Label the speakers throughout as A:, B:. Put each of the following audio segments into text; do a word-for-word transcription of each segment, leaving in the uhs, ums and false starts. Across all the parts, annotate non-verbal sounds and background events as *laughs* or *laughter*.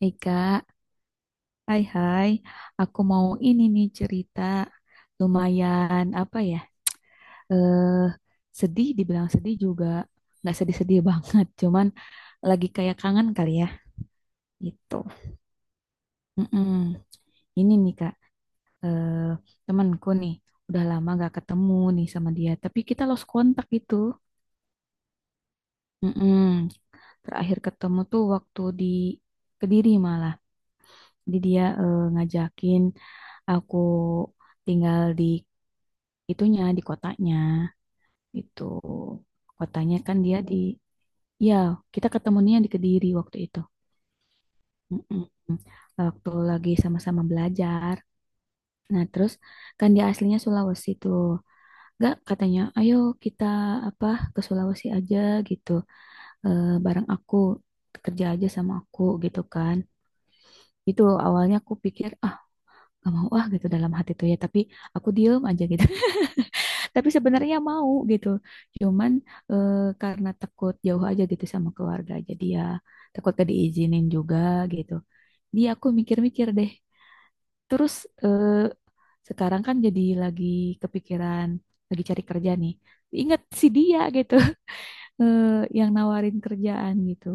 A: Hei kak, hai hai, aku mau ini nih cerita lumayan apa ya, eh sedih, dibilang sedih juga, nggak sedih-sedih *laughs* banget, cuman lagi kayak kangen kali ya, gitu. Mm-mm. Ini nih kak, eh temanku nih, udah lama nggak ketemu nih sama dia, tapi kita lost kontak gitu. Mm-mm. Terakhir ketemu tuh waktu di Kediri malah, jadi dia eh, ngajakin aku tinggal di itunya di kotanya itu kotanya kan dia di ya kita ketemunya di Kediri waktu itu. Mm-mm. Waktu lagi sama-sama belajar nah terus kan dia aslinya Sulawesi tuh. Gak katanya ayo kita apa ke Sulawesi aja gitu. Eh, bareng aku, kerja aja sama aku gitu kan. Itu awalnya aku pikir, ah gak mau ah gitu dalam hati tuh ya, tapi aku diem aja gitu. Tapi sebenarnya mau gitu, cuman eh, karena takut jauh aja gitu sama keluarga, jadi ya takut gak diizinin juga gitu. Dia aku mikir-mikir deh. Terus eh, sekarang kan jadi lagi kepikiran lagi cari kerja nih, ingat si dia gitu. *laughs* eh, yang nawarin kerjaan gitu,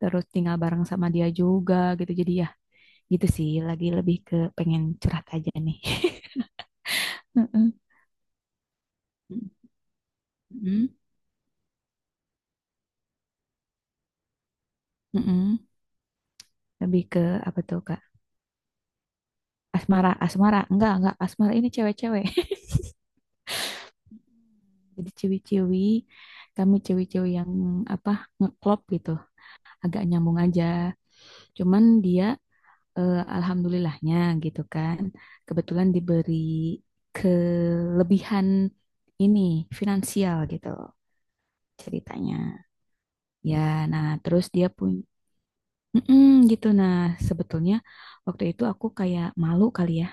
A: terus tinggal bareng sama dia juga gitu, jadi ya gitu sih, lagi lebih ke pengen curhat aja nih. *laughs* Mm. Mm-mm. Mm-mm. Lebih ke apa tuh Kak? Asmara, asmara. Enggak, enggak. Asmara ini cewek-cewek. *laughs* Jadi ciwi-ciwi, kami ciwi-ciwi yang apa ngeklop gitu. Agak nyambung aja. Cuman dia eh, alhamdulillahnya gitu kan. Kebetulan diberi kelebihan ini finansial gitu ceritanya. Ya, nah terus dia pun, mm-mm, gitu. Nah, sebetulnya waktu itu aku kayak malu kali ya,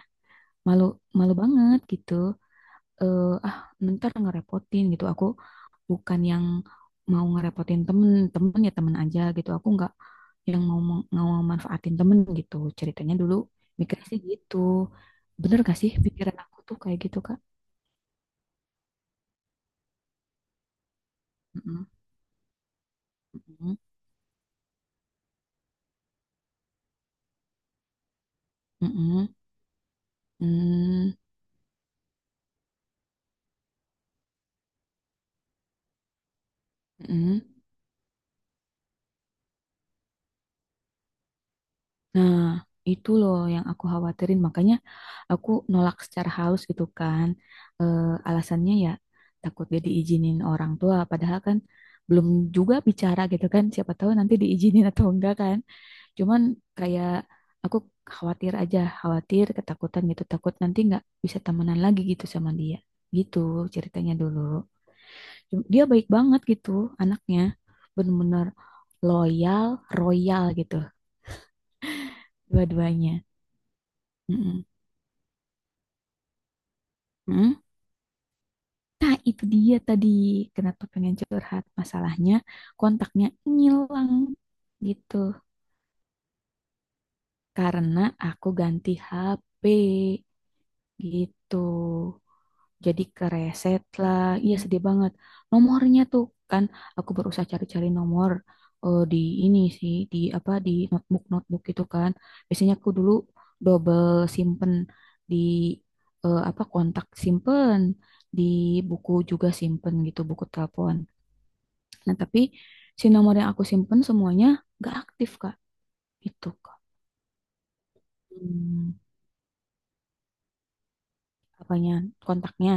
A: malu, malu banget gitu. eh, ah ntar ngerepotin gitu. Aku bukan yang mau ngerepotin temen, temen ya temen aja gitu. Aku nggak yang mau mau manfaatin temen gitu ceritanya dulu. Mikirnya sih gitu. Bener gak sih pikiran aku tuh kayak gitu kak? Mm-mm, mm-mm, mm-mm, mm, mm-mm. Nah itu loh yang aku khawatirin, makanya aku nolak secara halus gitu kan. Eh, alasannya ya takut dia diizinin orang tua, padahal kan belum juga bicara gitu kan, siapa tahu nanti diizinin *laughs* atau enggak kan. Cuman kayak aku khawatir aja, khawatir ketakutan gitu, takut nanti nggak bisa temenan lagi gitu sama dia, gitu ceritanya dulu. Cum- dia baik banget gitu anaknya, bener-bener loyal, royal gitu dua-duanya. Mm-mm. Mm-mm. Nah, itu dia tadi kenapa pengen curhat. Masalahnya, kontaknya ngilang gitu. Karena aku ganti ha pe gitu. Jadi kereset lah. Iya sedih banget. Nomornya tuh kan, aku berusaha cari-cari nomor eh, di ini sih di apa di notebook, notebook gitu kan. Biasanya aku dulu double simpen di eh, apa kontak, simpen di buku juga simpen gitu, buku telepon. Nah, tapi si nomor yang aku simpen semuanya nggak aktif, Kak. Itu, Kak. Hmm, apanya? Kontaknya.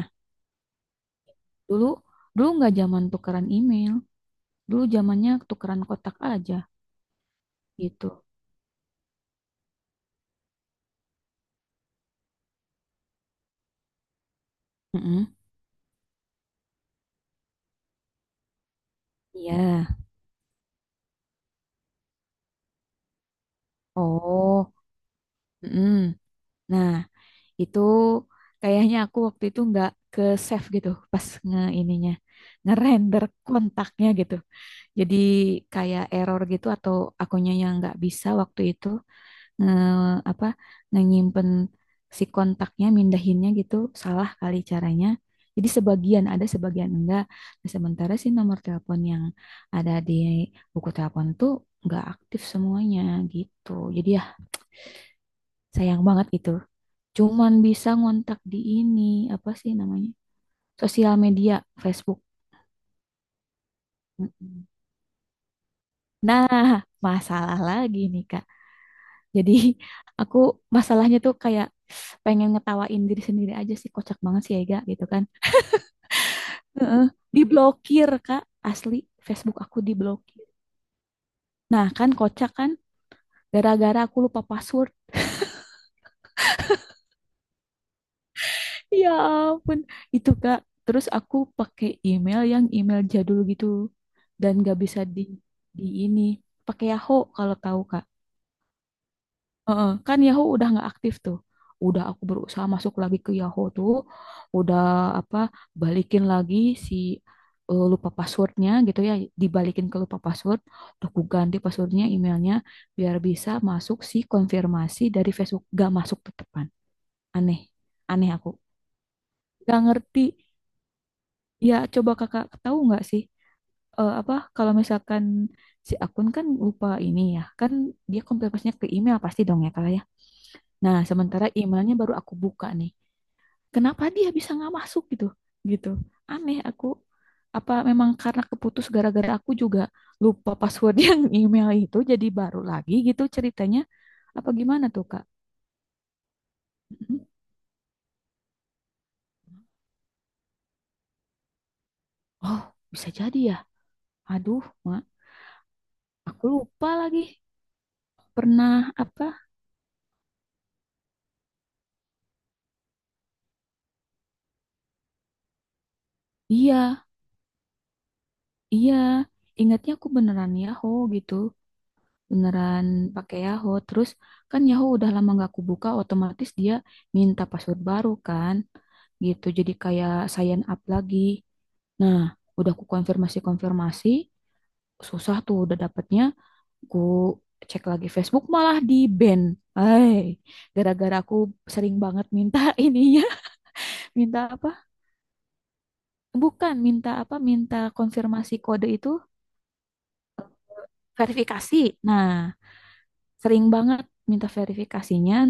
A: Dulu dulu nggak zaman tukeran email. Dulu zamannya tukeran kotak aja gitu. Mm-mm. Iya. Oh. Mm-mm. Nah, itu kayaknya aku waktu itu nggak ke save gitu pas nge ininya, ngerender kontaknya gitu. Jadi kayak error gitu, atau akunya yang nggak bisa waktu itu. eh, apa nyimpen si kontaknya, mindahinnya gitu salah kali caranya. Jadi sebagian ada sebagian enggak. Nah, sementara si nomor telepon yang ada di buku telepon tuh enggak aktif semuanya gitu. Jadi ya sayang banget gitu. Cuman bisa ngontak di ini, apa sih namanya? Sosial media, Facebook. Mm-mm. Nah, *laughs* masalah lagi nih Kak. Jadi *laughs* aku masalahnya tuh kayak pengen ngetawain diri sendiri aja sih, kocak banget sih Ega gitu kan. Heeh. Diblokir Kak, asli Facebook aku diblokir. Nah kan kocak kan, gara-gara aku lupa password. *laughs* Ya ampun, itu Kak. Terus aku pakai email, yang email jadul gitu, dan gak bisa di di ini pakai Yahoo kalau tahu Kak. Heeh, kan Yahoo udah nggak aktif tuh. Udah aku berusaha masuk lagi ke Yahoo tuh, udah apa balikin lagi si eh, lupa passwordnya gitu ya, dibalikin ke lupa password. Udah aku ganti passwordnya, emailnya biar bisa masuk si konfirmasi dari Facebook. Gak masuk tetepan. Aneh, aneh aku. Gak ngerti. Ya coba kakak tahu nggak sih eh, apa kalau misalkan si akun kan lupa ini ya, kan dia konfirmasinya ke email pasti dong ya kak ya? Nah, sementara emailnya baru aku buka nih. Kenapa dia bisa nggak masuk gitu? Gitu. Aneh aku. Apa memang karena keputus gara-gara aku juga lupa password *laughs* yang email itu jadi baru lagi gitu ceritanya. Apa gimana tuh, Kak? Mhm. Oh, bisa jadi ya. Aduh, Mak. Aku lupa lagi. Pernah apa? Iya, iya. Ingatnya aku beneran Yahoo gitu. Beneran pakai Yahoo. Terus kan Yahoo udah lama nggak aku buka, otomatis dia minta password baru kan. Gitu. Jadi kayak sign up lagi. Nah, udah ku konfirmasi-konfirmasi, susah tuh udah dapetnya. Ku cek lagi Facebook malah di ban. Hai, gara-gara aku sering banget minta ininya, *laughs* minta apa? Bukan, minta apa? Minta konfirmasi kode itu, verifikasi. Nah, sering banget minta verifikasinya,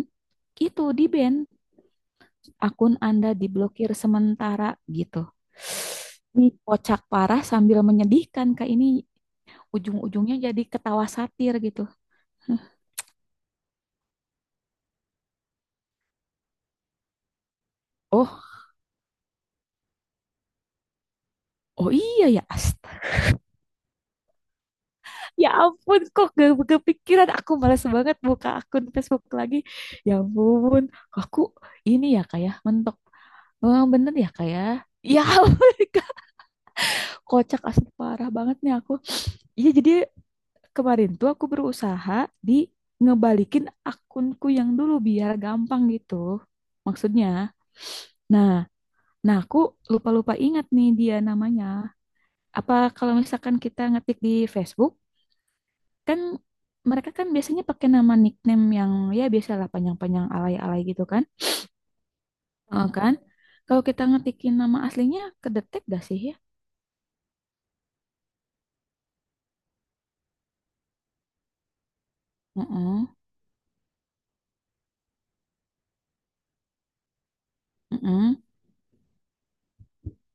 A: itu di ban. Akun Anda diblokir sementara gitu. Ini kocak parah sambil menyedihkan Kak, ini ujung-ujungnya jadi ketawa satir gitu. Oh, oh iya ya. Astaga. Ya ampun kok gak kepikiran, aku malas banget buka akun Facebook lagi. Ya ampun, aku ini ya kayak mentok. Oh, bener ya kayak. Ya, ya ampun, *laughs* kocak asli parah banget nih aku. Iya jadi kemarin tuh aku berusaha di ngebalikin akunku yang dulu biar gampang gitu. Maksudnya. Nah, nah aku lupa-lupa ingat nih dia namanya. Apa kalau misalkan kita ngetik di Facebook, kan mereka kan biasanya pakai nama nickname yang ya biasalah panjang-panjang alay-alay gitu kan? Heeh kan? Kalau kita ngetikin nama aslinya, kedetek gak sih ya? Heeh, heeh,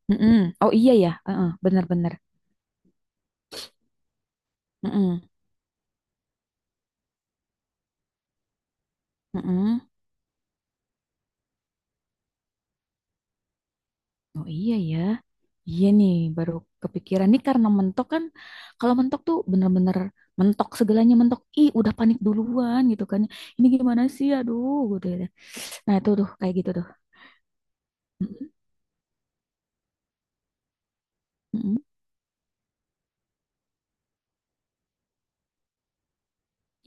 A: heeh. Oh iya ya, heeh, bener-bener. Heeh, heeh. Oh iya ya. Iya nih, baru kepikiran nih karena mentok kan. Kalau mentok tuh bener-bener mentok, segalanya mentok. Ih, udah panik duluan gitu kan. Ini gimana sih? Aduh, gitu ya. Nah, itu tuh kayak gitu tuh. Mm-mm, mm-mm.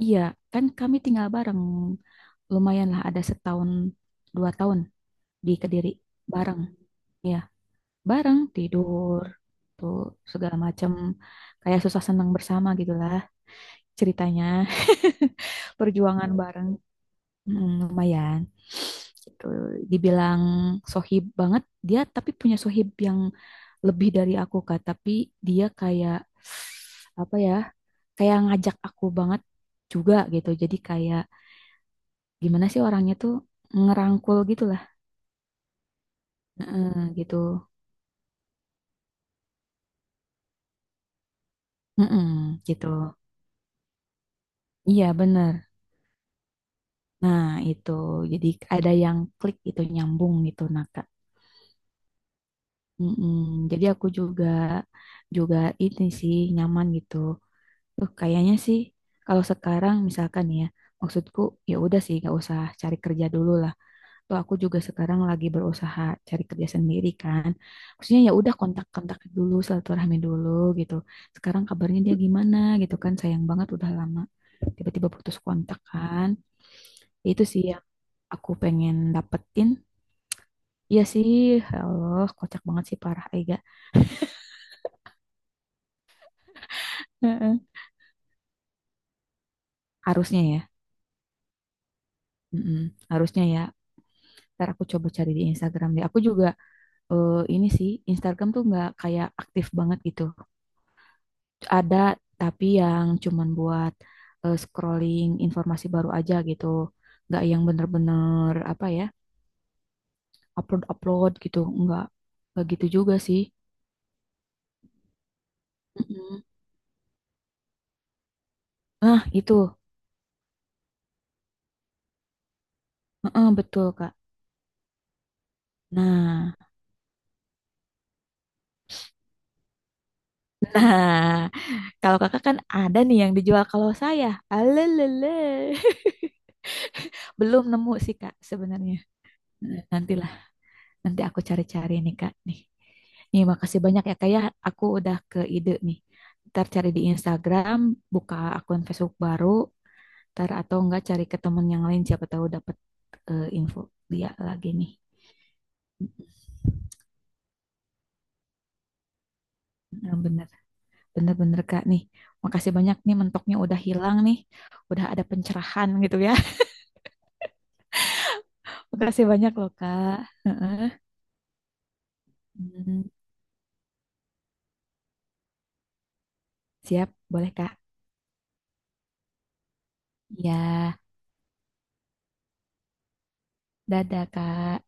A: Iya, kan kami tinggal bareng. Lumayan lah ada setahun, dua tahun di Kediri bareng. Ya, bareng tidur, tuh segala macam. Kayak susah senang bersama gitulah ceritanya. *laughs* Perjuangan bareng, mm, lumayan. Itu dibilang sohib banget dia, tapi punya sohib yang lebih dari aku Kak. Tapi dia kayak apa ya? Kayak ngajak aku banget juga gitu. Jadi kayak gimana sih orangnya tuh, ngerangkul gitu lah. Heeh, gitu. Heeh, gitu, iya bener. Nah itu, jadi ada yang klik gitu, nyambung gitu nah Kak. Heeh, jadi aku juga juga ini sih nyaman gitu tuh kayaknya sih. Kalau sekarang misalkan ya, maksudku ya udah sih gak usah cari kerja dulu lah. Tuh aku juga sekarang lagi berusaha cari kerja sendiri kan. Maksudnya ya udah, kontak-kontak dulu, silaturahmi dulu gitu. Sekarang kabarnya dia gimana gitu kan. Sayang banget udah lama tiba-tiba putus kontak kan. Ya itu sih yang aku pengen dapetin. Iya sih, Allah kocak banget sih parah Ega. Heeh. Harusnya ya, mm-mm, harusnya ya. Ntar aku coba cari di Instagram deh. Aku juga eh, ini sih Instagram tuh nggak kayak aktif banget gitu. Ada tapi yang cuman buat eh, scrolling informasi baru aja gitu, nggak yang bener-bener apa ya upload, upload gitu nggak nggak gitu juga sih. Mm-mm. Ah itu. Heeh, betul kak. Nah, *laughs* nah kalau kakak kan ada nih yang dijual, kalau saya alelele *laughs* belum nemu sih kak sebenarnya. Nah, nanti nanti aku cari-cari nih Kak nih. Nih makasih banyak ya Kak ya. Aku udah ke ide nih. Ntar cari di Instagram, buka akun Facebook baru, ntar atau enggak cari ke temen yang lain, siapa tahu dapat info dia lagi nih. Nah, bener, bener-bener Kak nih. Makasih banyak nih, mentoknya udah hilang nih. Udah ada pencerahan gitu ya. *laughs* Makasih banyak loh Kak. Heeh. Hmm, siap, boleh Kak. Ya, dadah Kak.